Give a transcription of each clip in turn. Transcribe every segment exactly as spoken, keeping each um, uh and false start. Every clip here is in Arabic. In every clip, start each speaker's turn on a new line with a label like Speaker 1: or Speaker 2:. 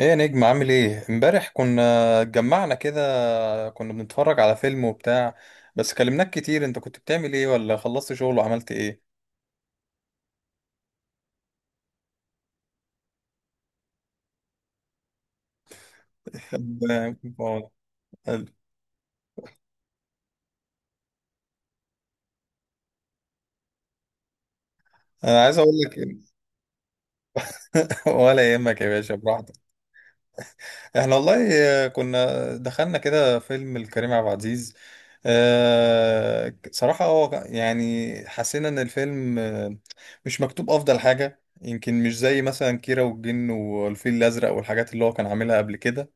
Speaker 1: ايه يا نجم، عامل ايه؟ امبارح كنا اتجمعنا كده، كنا بنتفرج على فيلم وبتاع. بس كلمناك كتير، انت كنت بتعمل ايه؟ ولا خلصت شغل وعملت ايه؟ طب آه، انا عايز اقول لك. ولا يهمك يا باشا، براحتك. احنا والله آه، كنا دخلنا كده فيلم الكريم عبد العزيز. آه، صراحة هو يعني حسينا ان الفيلم آه، مش مكتوب افضل حاجة، يمكن مش زي مثلا كيرة والجن والفيل الازرق والحاجات اللي هو كان عاملها قبل كده.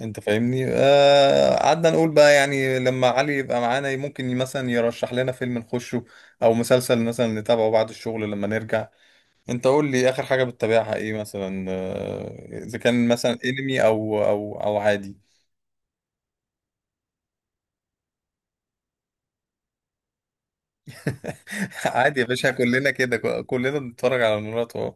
Speaker 1: انت فاهمني؟ آه قعدنا نقول بقى يعني لما علي يبقى معانا ممكن مثلا يرشح لنا فيلم نخشه، او مسلسل مثلا نتابعه بعد الشغل لما نرجع. انت قول لي، اخر حاجة بتتابعها ايه مثلا؟ آه، اذا كان مثلا انمي او او او عادي. عادي يا باشا، كلنا كده، ك- كلنا بنتفرج على مرات اهو.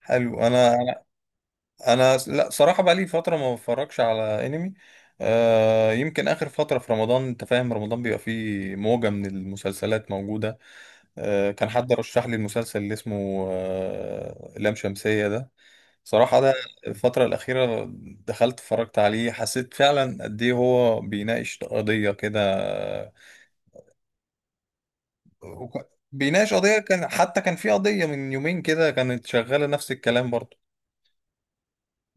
Speaker 1: حلو. انا انا أنا- س- لا صراحة بقى لي فترة ما بتفرجش على انمي. آه يمكن اخر فترة في رمضان، انت فاهم، رمضان بيبقى فيه موجة من المسلسلات موجودة. آه، كان حد رشح لي المسلسل اللي اسمه آه، لام شمسية ده. صراحة ده الفترة الأخيرة دخلت اتفرجت عليه، حسيت فعلا قد إيه هو بيناقش قضية كده. آه، وك- بيناقش قضية، كان حتى كان في قضية من يومين كده كانت شغالة نفس الكلام برضه.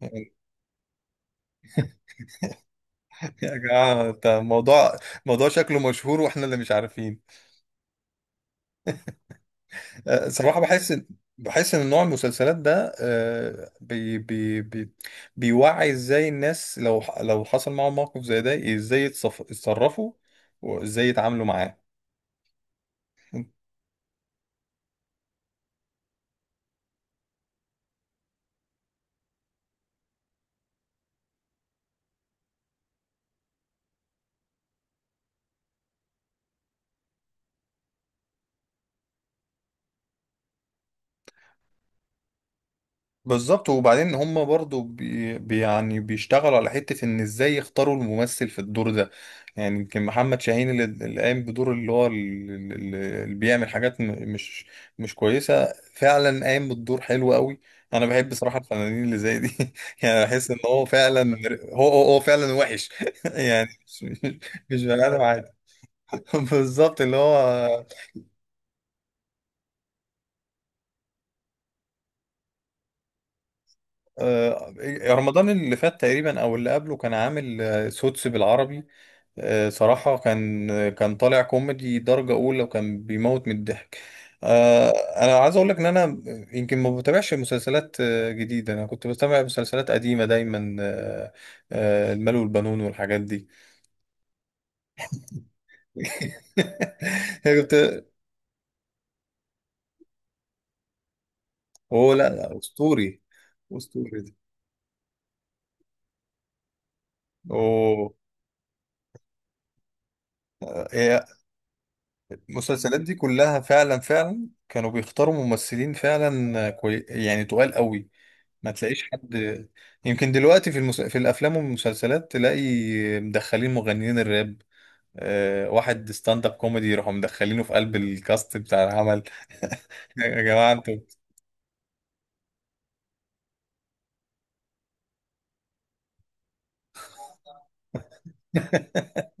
Speaker 1: يا جماعة، انت الموضوع، موضوع شكله مشهور واحنا اللي مش عارفين. آه، صراحة بحس إن- بحس ان نوع المسلسلات ده، آه، بي بي بي بيوعي ازاي الناس لو ح- لو حصل معاهم موقف زي ده، ازاي يتصف- يتصرفوا وازاي يتعاملوا معاه. بالظبط. وبعدين هم برضو بي بي- يعني بيشتغلوا على حتة ان ازاي يختاروا الممثل في الدور ده. يعني يمكن محمد شاهين اللي اللي قايم بدور اللي هو ال- ال- ال- اللي بيعمل حاجات م- مش مش كويسة، فعلا قايم بالدور حلو قوي. انا بحب صراحة الفنانين اللي زي دي. يعني بحس ان هو فعلا. هو هو, هو فعلا وحش. يعني مش مش مش بني ادم عادي. بالظبط اللي هو. آه، رمضان اللي فات تقريبا او اللي قبله كان عامل آه، سوتس بالعربي. آه، صراحة كان آه، كان طالع كوميدي درجة أولى وكان بيموت من الضحك. آه، أنا عايز أقول لك إن أنا يمكن ما بتابعش مسلسلات آه، جديدة. أنا كنت بتابع مسلسلات قديمة دايما. آه، آه، المال والبنون والحاجات دي. كنت. هو لا لا، أسطوري. أسطوري ده. أوه. المسلسلات دي كلها فعلا فعلا كانوا بيختاروا ممثلين فعلا كوي... يعني تقال قوي. ما تلاقيش حد. يمكن دلوقتي في المس... في الافلام والمسلسلات تلاقي مدخلين مغنيين الراب، آه... واحد ستاند اب كوميدي يروحوا مدخلينه في قلب الكاست بتاع العمل. يا جماعة انتوا.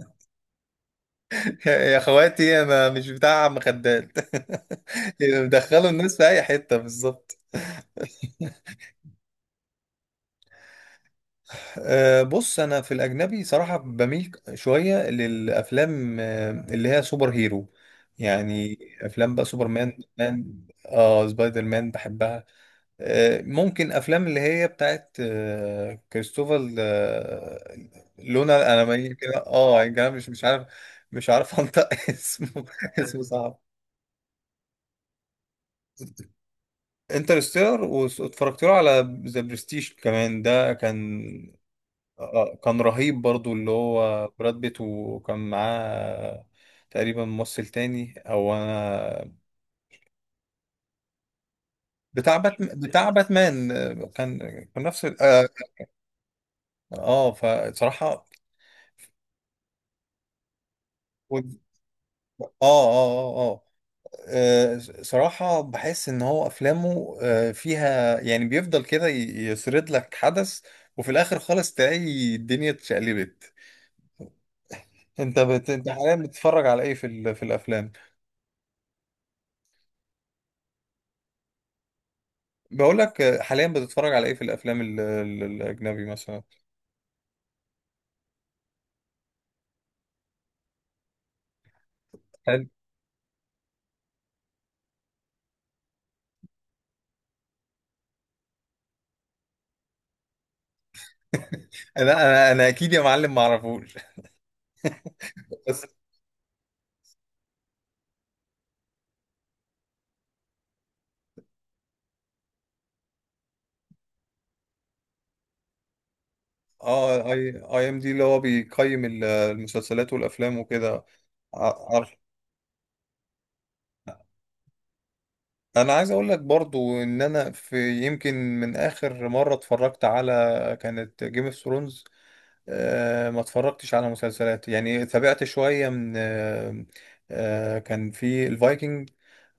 Speaker 1: يا يا اخواتي انا مش بتاع عم خدات، مدخلوا الناس في اي حتة بالظبط. أه، بص، انا في الاجنبي صراحه بميل شويه للافلام أه، اللي هي سوبر هيرو. يعني افلام بقى سوبر مان مان اه سبايدر مان بحبها. أه ممكن افلام اللي هي بتاعت أه كريستوفر أه لونا. انا ما كده، اه يعني أنا مش مش عارف، مش عارف انطق اسمه. اسمه صعب. انترستيلر، واتفرجت له على ذا برستيج كمان ده كان آه، آه، كان رهيب برضو اللي هو براد بيت، وكان معاه تقريبا ممثل تاني، او انا. بتاع باتمان بتاع باتمان. آه، كان كان نفس ال- اه آه، فصراحة. و- اه اه اه اه آه، صراحة بحس ان هو افلامه آه، فيها، يعني بيفضل كده ي- يسرد لك حدث، وفي الاخر خالص تلاقي الدنيا اتشقلبت. انت بت... انت حاليا بتتفرج على ايه في ال... في الافلام؟ بقول لك، حاليا بتتفرج على ايه في الافلام ال- ال- الاجنبي مثلا؟ حلو. انا انا انا اكيد يا معلم ما اعرفوش، بس. اه اي اي ام دي اللي هو بيقيم ال- المسلسلات والافلام وكده. ع- عارف. انا عايز اقول لك برضو ان انا، في يمكن، من اخر مره اتفرجت على، كانت جيم اوف ثرونز. ما اتفرجتش على مسلسلات يعني، تابعت شويه من آه، آه، كان في الفايكنج.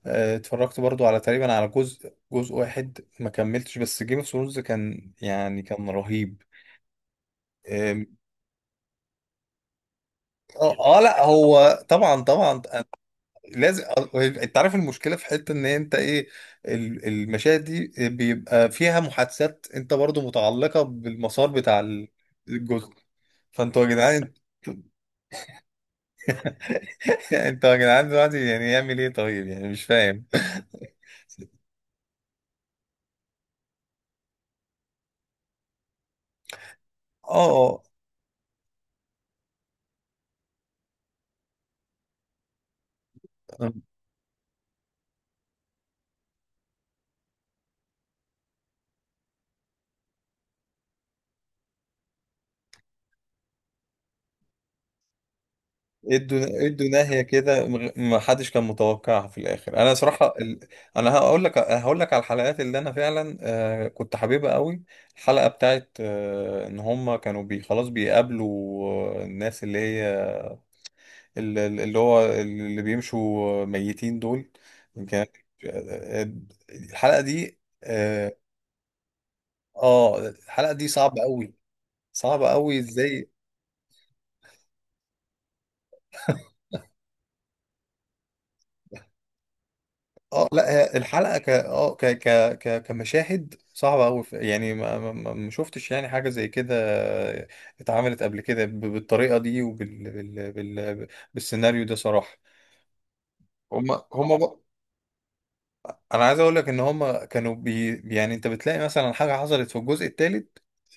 Speaker 1: آه، اتفرجت برضو على، تقريبا على جزء، جزء واحد ما كملتش. بس جيم اوف ثرونز كان، يعني كان رهيب. آم، اه. آه، لا هو طبعا طبعا. آه، لازم. آه، انت عارف المشكله في حته ان انت ايه؟ ال- المشاهد دي بيبقى فيها محادثات انت برضو متعلقه بالمسار بتاع ال- الجزء. فانتوا يا جدعان. انتوا يا جدعان دلوقتي يعني يعمل ايه طيب؟ يعني مش فاهم. اه، ادوا ادوا ناهية كده، مغ- ما حدش كان متوقعها في الاخر. انا صراحة ال... انا هقول لك هقول لك على الحلقات اللي انا فعلا آه كنت حاببها قوي. الحلقة بتاعت آه ان هم كانوا بي خلاص بيقابلوا آه، الناس اللي هي ال- ال- اللي هو اللي بيمشوا ميتين دول. كان آه، الحلقة دي اه آه، الحلقة دي صعبة قوي. صعبة قوي ازاي؟ اه، لا هي الحلقه ك اه ك ك ك كمشاهد صعبه قوي، يعني ما ما ما ما شفتش يعني حاجه زي كده اتعملت قبل كده ب- بالطريقه دي وبال بال بال بالسيناريو ده صراحه. هم هم بقى، انا عايز اقول لك ان هم كانوا بي يعني انت بتلاقي مثلا حاجه حصلت في الجزء الثالث،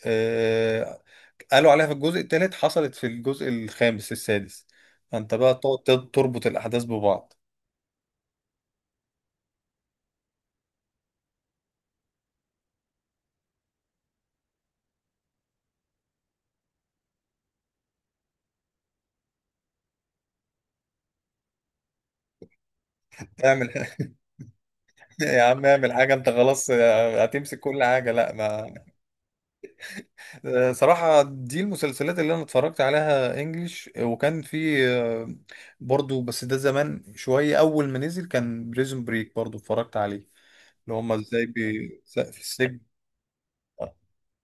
Speaker 1: آه قالوا عليها في الجزء الثالث حصلت في الجزء الخامس السادس، فانت بقى تقعد تربط الاحداث ببعض. تعمل. يا عم اعمل حاجة، انت خلاص. آه، هتمسك كل حاجة لا ما. آه، صراحة دي المسلسلات اللي انا اتفرجت عليها انجليش، وكان في آه، برضو بس ده زمان شوية، اول ما نزل كان بريزون بريك برضو اتفرجت عليه، اللي هما ازاي بي... س- في السجن.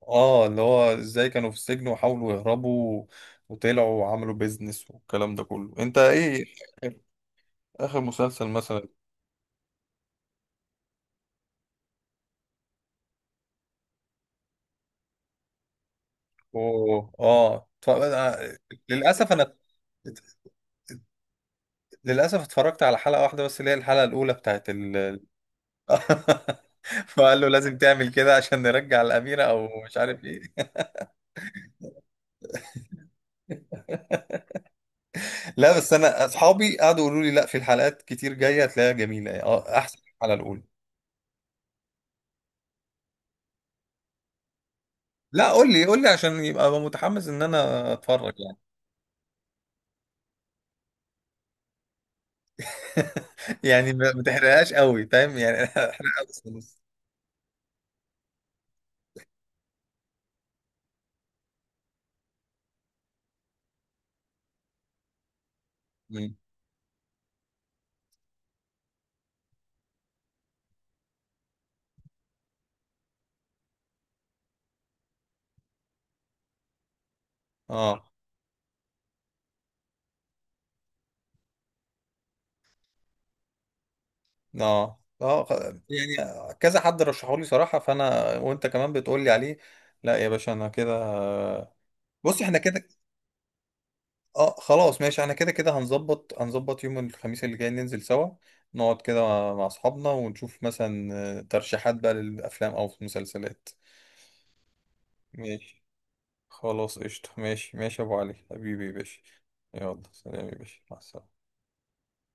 Speaker 1: اه، اللي هو ازاي كانوا في السجن وحاولوا يهربوا، وطلعوا وعملوا بيزنس والكلام ده كله، انت ايه؟ اخر آخر مسلسل مثلا. اوه، اه اتف- آه، للاسف انا للأسف اتفرجت على حلقة واحدة بس اللي هي الحلقة الأولى بتاعت ال فقال له لازم تعمل كده عشان نرجع الأميرة، أو مش عارف إيه. لا بس أنا أصحابي قعدوا يقولوا لي لا، في الحلقات كتير جاية هتلاقيها جميلة يعني، أه أحسن من الحلقة الأولى. لا، قول لي قول لي عشان يبقى أبقى متحمس إن أنا أتفرج يعني. يعني ما ما تحرقهاش قوي، فاهم يعني. احرقها بس نص. مم. أه أه اه خ- يعني كذا حد رشحولي صراحة، فانا وانت كمان بتقولي عليه. لا يا باشا انا كده، بص احنا كده. اه، خلاص ماشي، احنا كده كده هنظبط هنظبط يوم الخميس اللي جاي ننزل سوا، نقعد كده مع مع اصحابنا ونشوف مثلا آه، ترشيحات بقى للافلام او مسلسلات. ماشي. خلاص قشطة، ماشي ماشي يا ابو علي، حبيبي يا باشا. يلا سلام يا باشا، مع السلامة.